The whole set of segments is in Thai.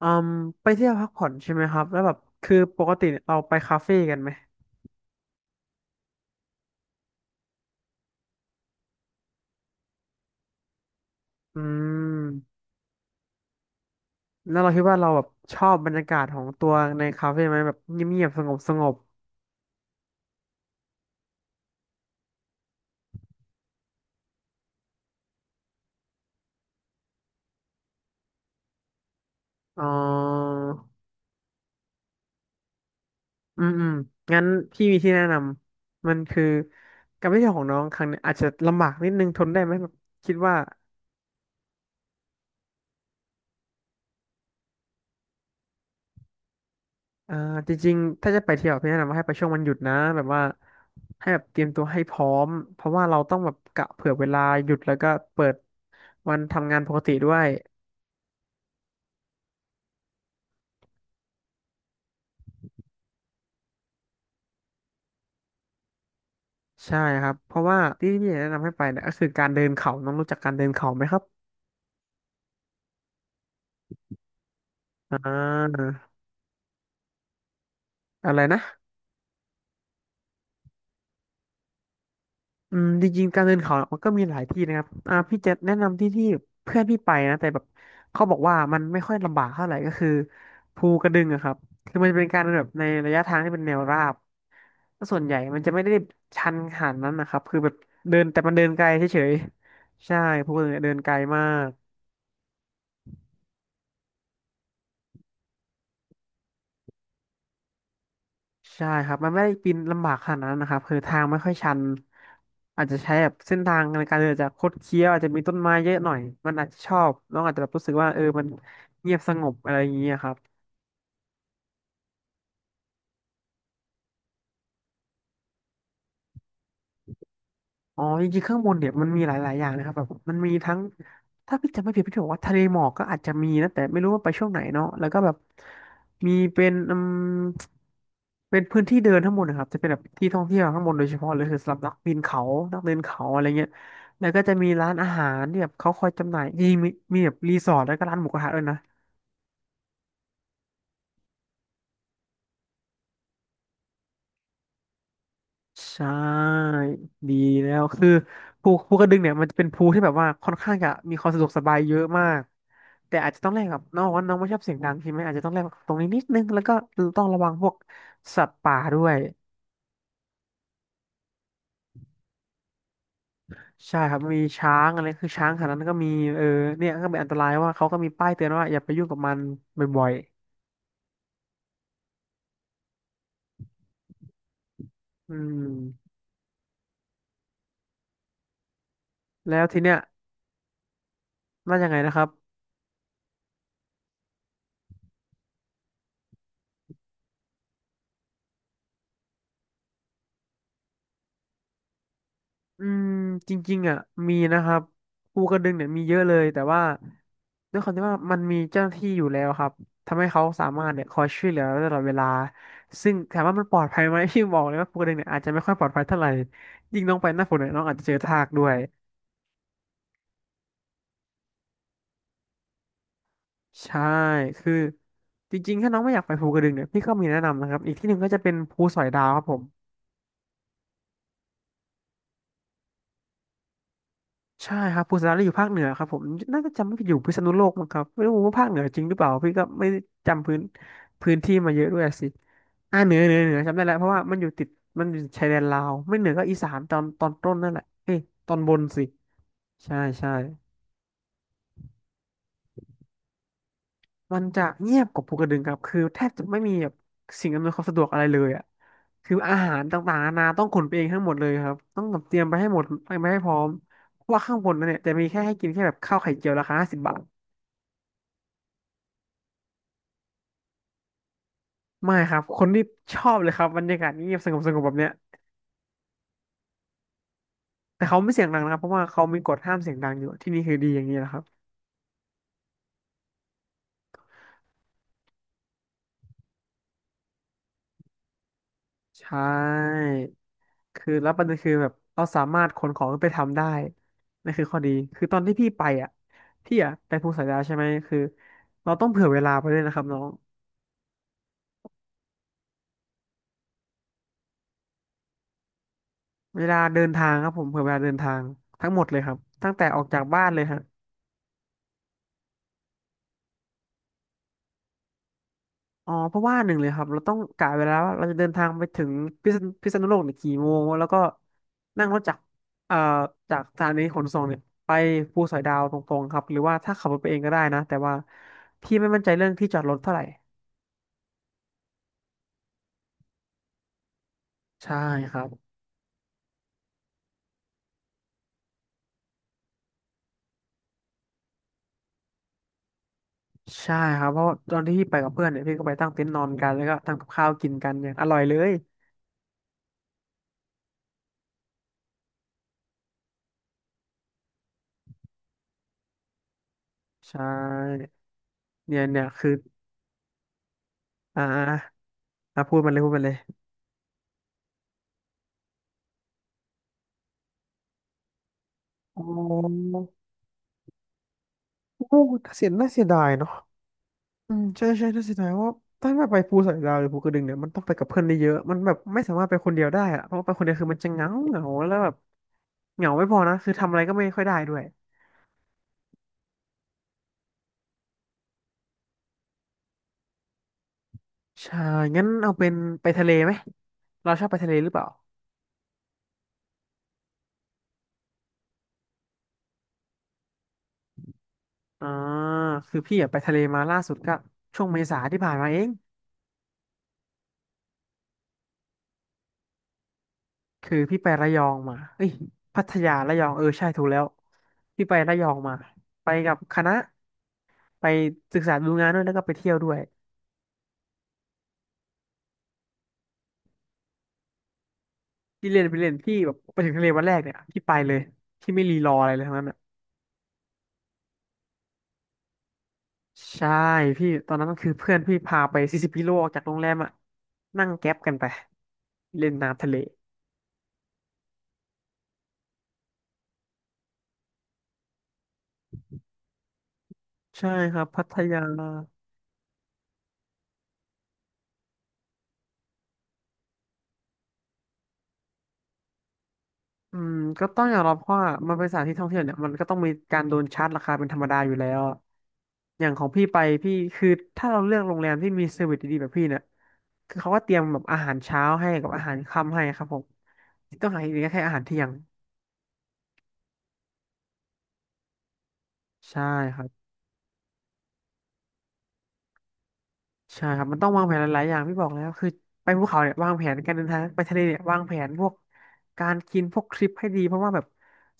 อืมไปเที่ยวพักผ่อนใช่ไหมครับแล้วแบบคือปกติเนี่ยเราไปคาเฟ่กันไหมอืมแล้วเราคิดว่าเราแบบชอบบรรยากาศของตัวในคาเฟ่ไหมแบบเงียบๆสงบสงบอ๋ออืมอืมงั้นพี่มีที่แนะนำมันคือการไปเที่ยวของน้องครั้งเนี้ยอาจจะลำบากนิดนึงทนได้ไหมแบบคิดว่า อ่าจริงๆถ้าจะไปเที่ยวพี่แนะนำว่าให้ไปช่วงวันหยุดนะแบบว่าให้แบบเตรียมตัวให้พร้อมเพราะว่าเราต้องแบบกะเผื่อเวลาหยุดแล้วก็เปิดวันทำงานปกติด้วยใช่ครับเพราะว่าที่พี่แนะนำให้ไปเนี่ยก็คือการเดินเขาน้องรู้จักการเดินเขาไหมครับอ่าอะไรนะ อืมจริงๆการเดินเขามันก็มีหลายที่นะครับพี่จะแนะนำที่เพื่อนพี่ไปนะแต่แบบเขาบอกว่ามันไม่ค่อยลำบากเท่าไหร่ก็คือภูกระดึงอะครับคือมันจะเป็นการเดินแบบในระยะทางที่เป็นแนวราบแล้วส่วนใหญ่มันจะไม่ได้ชันขนาดนั้นนะครับคือแบบเดินแต่มันเดินไกลเฉยๆใช่ภูกระดึงเนี่ยเดินไกลมาก ใช่ครับ มันไม่ได้ปีนลำบากขนาดนั้นนะครับคือทางไม่ค่อยชัน อาจจะใช้แบบเส้นทางในการเดินอาจจะคดเคี้ยวอาจจะมีต้นไม้เยอะหน่อย มันอาจจะชอบน้องอาจจะแบบรู้สึกว่าเออมันเงียบสงบอะไรอย่างเงี้ยครับ อ๋อจริงๆข้างบนเนี่ยมันมีหลายๆอย่างนะครับแบบมันมีทั้งถ้าพี่จำไม่ผิดพี่จะบอกว่าทะเลหมอกก็อาจจะมีนะแต่ไม่รู้ว่าไปช่วงไหนเนาะแล้วก็แบบมีเป็นเป็นพื้นที่เดินข้างบนนะครับจะเป็นแบบที่ท่องเที่ยวข้างบนโดยเฉพาะเลยคือสำหรับนักปีนเขานักเดินเขาอะไรเงี้ยแล้วก็จะมีร้านอาหารที่แบบเขาคอยจำหน่ายจริงๆมีมีแบบรีสอร์ทแล้วก็ร้านหมูกระทะด้วยนะ ใช่ดีแล้วคือภูกระดึงเนี่ยมันจะเป็นภูที่แบบว่าค่อนข้างจะมีความสะดวกสบายเยอะมากแต่อาจจะต้องแลกกับน้องว่าน้องไม่ชอบเสียงดังใช่ไหมอาจจะต้องแลกกับตรงนี้นิดนึงแล้วก็ต้องระวังพวกสัตว์ป่าด้วยใช่ครับมีช้างอะไรคือช้างขนาดนั้นก็มีเออเนี่ยก็เป็นอันตรายว่าเขาก็มีป้ายเตือนว่าอย่าไปยุ่งกับมันบ่อยๆอืมแล้วทีเนี้ยว่ายังไงนะครับ อืมจริงๆอ่ะมีนะครับภูกระดึงเนี่ยมีเยอะเลยแต่ว่าด้วยความที่ว่ามันมีเจ้าหน้าที่อยู่แล้วครับทำให้เขาสามารถเนี่ยคอยช่วยเหลือตลอดเวลาซึ่งถามว่ามันปลอดภัยไหมพี่บอกเลยว่าภูกระดึงเนี่ยอาจจะไม่ค่อยปลอดภัยเท่าไหร่ยิ่งน้องไปหน้าฝนเนี่ยน้องอาจจะเจอทากด้วยใช่คือจริงๆถ้าน้องไม่อยากไปภูกระดึงเนี่ยพี่ก็มีแนะนำนะครับอีกที่หนึ่งก็จะเป็นภูสอยดาวครับผม ใช่ครับภูสนาอยู่ภาคเหนือครับผมน่าจะจำไม่ผิดอยู่พิษณุโลกมั้งครับไม่รู้ว่าภาคเหนือจริงหรือเปล่าพี่ก็ไม่ได้จำพื้นที่มาเยอะด้วยสิเหนือเหนือจำได้แล้วเพราะว่ามันอยู่ติดมันอยู่ชายแดนลาวไม่เหนือก็อีสานตอนต้นนั่นแหละเอ้ยตอนบนสิใช่ใช่มันจะเงียบกว่าภูกระดึงครับคือแทบจะไม่มีแบบสิ่งอำนวยความสะดวกอะไรเลยอ่ะคืออาหารต่างๆนานาต้องขนไปเองทั้งหมดเลยครับต้องแบบเตรียมไปให้หมดไปไม่ให้พร้อมเพราะว่าข้างบนนั่นเนี่ยจะมีแค่ให้กินแค่แบบข้าวไข่เจียวราคา50 บาท ไม่ครับ คนที่ชอบเลยครับบรรยากาศเงียบสงบสงบแบบเนี้ยแต่เขาไม่เสียงดังนะครับ เพราะว่าเขามีกฎห้ามเสียงดังอยู่ที่นี่คือดีอย่างนี้แหละครับใช่คือแล้วประเด็นคือแบบเราสามารถขนของขึ้นไปทำได้นั่นคือข้อดีคือตอนที่พี่ไปอ่ะพี่อ่ะไปภูสอยดาวใช่ไหมคือเราต้องเผื่อเวลาไปด้วยนะครับน้องเวลาเดินทางครับผมเผื่อเวลาเดินทางทั้งหมดเลยครับตั้งแต่ออกจากบ้านเลยฮะ อ๋อเพราะว่าหนึ่งเลยครับเราต้องกะเวลาว่าเราจะเดินทางไปถึงพิษณุโลกเนี่ยกี่โมงแล้วก็นั่งรถจากเอ่อจากสถานีขนส่งเนี่ยไปภูสอยดาวตรงๆครับหรือว่าถ้าขับรถไปเองก็ได้นะแต่ว่าพี่ไม่มั่นใจเรื่องที่จอดรถเท่าไหร่ใช่ครับใช่ครับเพราะตอนที่พี่ไปกับเพื่อนเนี่ยพี่ก็ไปตั้งเต็นท์นอนกันแล้วก็ทำกับข้าวกินกันอย่างอร่อยเลยใช่เนี่ยคืออ่าพูดมันเลยพูดมันเลยอ๋อโอ้น่าเสียดายเนาะ อืมใช่ใช่ถ้าเสียดายว่าถ้าแบบไปภูสอยดาวหรือภูกระดึงเนี่ยมันต้องไปกับเพื่อนได้เยอะมันแบบไม่สามารถไปคนเดียวได้อะเพราะว่าไปคนเดียวคือมันจะเหงาเหงาแล้วแบบเหงาไม่พอนะคือทำอะไรก็ไม่ค่อยได้ด้วยใช่งั้นเอาเป็นไปทะเลไหมเราชอบไปทะเลหรือเปล่าอ่าคือพี่อะไปทะเลมาล่าสุดก็ช่วงเมษาที่ผ่านมาเองคือพี่ไประยองมาเอ้ยพัทยาระยองเออใช่ถูกแล้วพี่ไประยองมาไปกับคณะไปศึกษาดูงานด้วยแล้วก็ไปเที่ยวด้วย พี่เล่นพี่แบบไปถึงทะเลวันแรกเนี่ยพี่ไปเลยพี่ไม่รีรออะไรเลยทั้งนั้นอ่ะใช่พี่ตอนนั้นก็คือเพื่อนพี่พาไป40 กิโลออกจากโรงแรมอ่ะนั่งแก๊ปกันไปเล่นน้ำทะเลใช่ครับพัทยาอืมก็ต้องยอมรับว่ามันเป็นสถานที่ท่องเที่ยวเนี่ยมันก็ต้องมีการโดนชาร์จราคาเป็นธรรมดาอยู่แล้วอะอย่างของพี่ไปพี่คือถ้าเราเลือกโรงแรมที่มีเซอร์วิสดีๆแบบพี่เนี่ยคือเขาก็เตรียมแบบอาหารเช้าให้กับอาหารค่ำให้ครับผมที่ต้องหาอีกทีก็แค่อาหารเที่ยงใช่ครับ ใช่ครับมันต้องวางแผนหลายๆอย่างพี่บอกแล้วคือไปภูเขาเนี่ยวางแผนการเดินทางไปทะเลเนี่ยวางแผนพวกการกินพวกทริปให้ดีเพราะว่าแบบ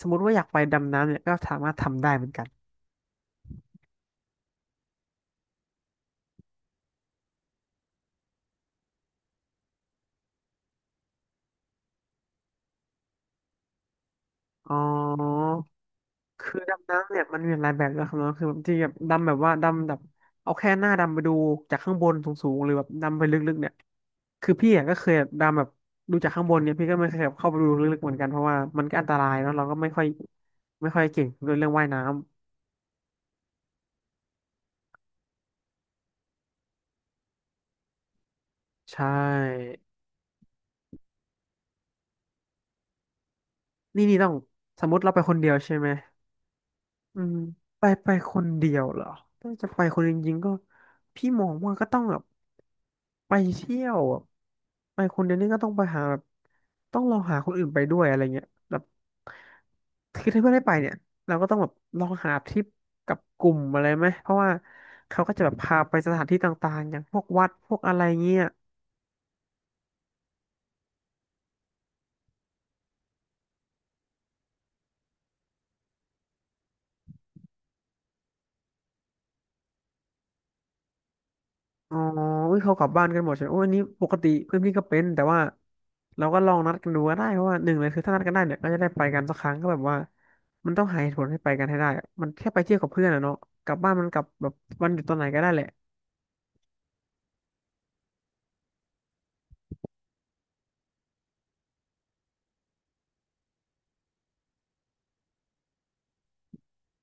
สมมติว่าอยากไปดำน้ำเนี่ยก็สามารถทำได้เหมือนกันอ๋อคือดำน้ำเนี่ยมันมีหลายแบบนะครับเนาะคือแบบที่แบบดำแบบว่าดำแบบเอาแค่หน้าดำไปดูจากข้างบนสูงๆหรือแบบดำไปลึกๆเนี่ยคือพี่อ่ะก็เคยดำแบบดูจากข้างบนเนี่ยพี่ก็ไม่เคยแบบเข้าไปดูลึกๆเหมือนกันเพราะว่ามันก็อันตรายเนาะเราก็ไม่ค่อยเก่งเรื่องว่ายน้ำใช่ นี่ต้องสมมติเราไปคนเดียวใช่ไหมอืมไปคนเดียวเหรอถ้าจะไปคนเดียวจริงๆก็พี่มองว่าก็ต้องแบบไปเที่ยวอะไปคนเดียวนี่ก็ต้องไปหาแบบต้องลองหาคนอื่นไปด้วยอะไรเงี้ยแบบคือถ้าเพื่อนไม่ไปเนี่ยเราก็ต้องแบบลองหาทริปกับกลุ่มอะไรไหมเพราะว่าเขาก็จะแบบพาไปสถานที่ต่างๆอย่างพวกวัดพวกอะไรเงี้ย อ๋ออุ้ยเขากลับบ้านกันหมดใช่ไหมโอ้ยอันนี้ปกติเพื่อนพี่ก็เป็นแต่ว่าเราก็ลองนัดกันดูก็ได้เพราะว่าหนึ่งเลยคือถ้านัดกันได้เนี่ยก็จะได้ไปกันสักครั้งก็แบบว่ามันต้องหาเหตุผลให้ไปกันให้ได้อะมันแค่ไปเที่ยวกับเพื่อนอะเนาะกลับบ้านมันกลับแบบวันหยุดตอนไหนก็ได้แหละ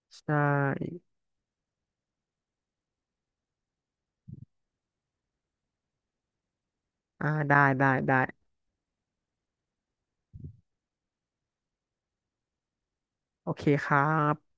ใช่อ่าได้ได้ได้โอเคครับ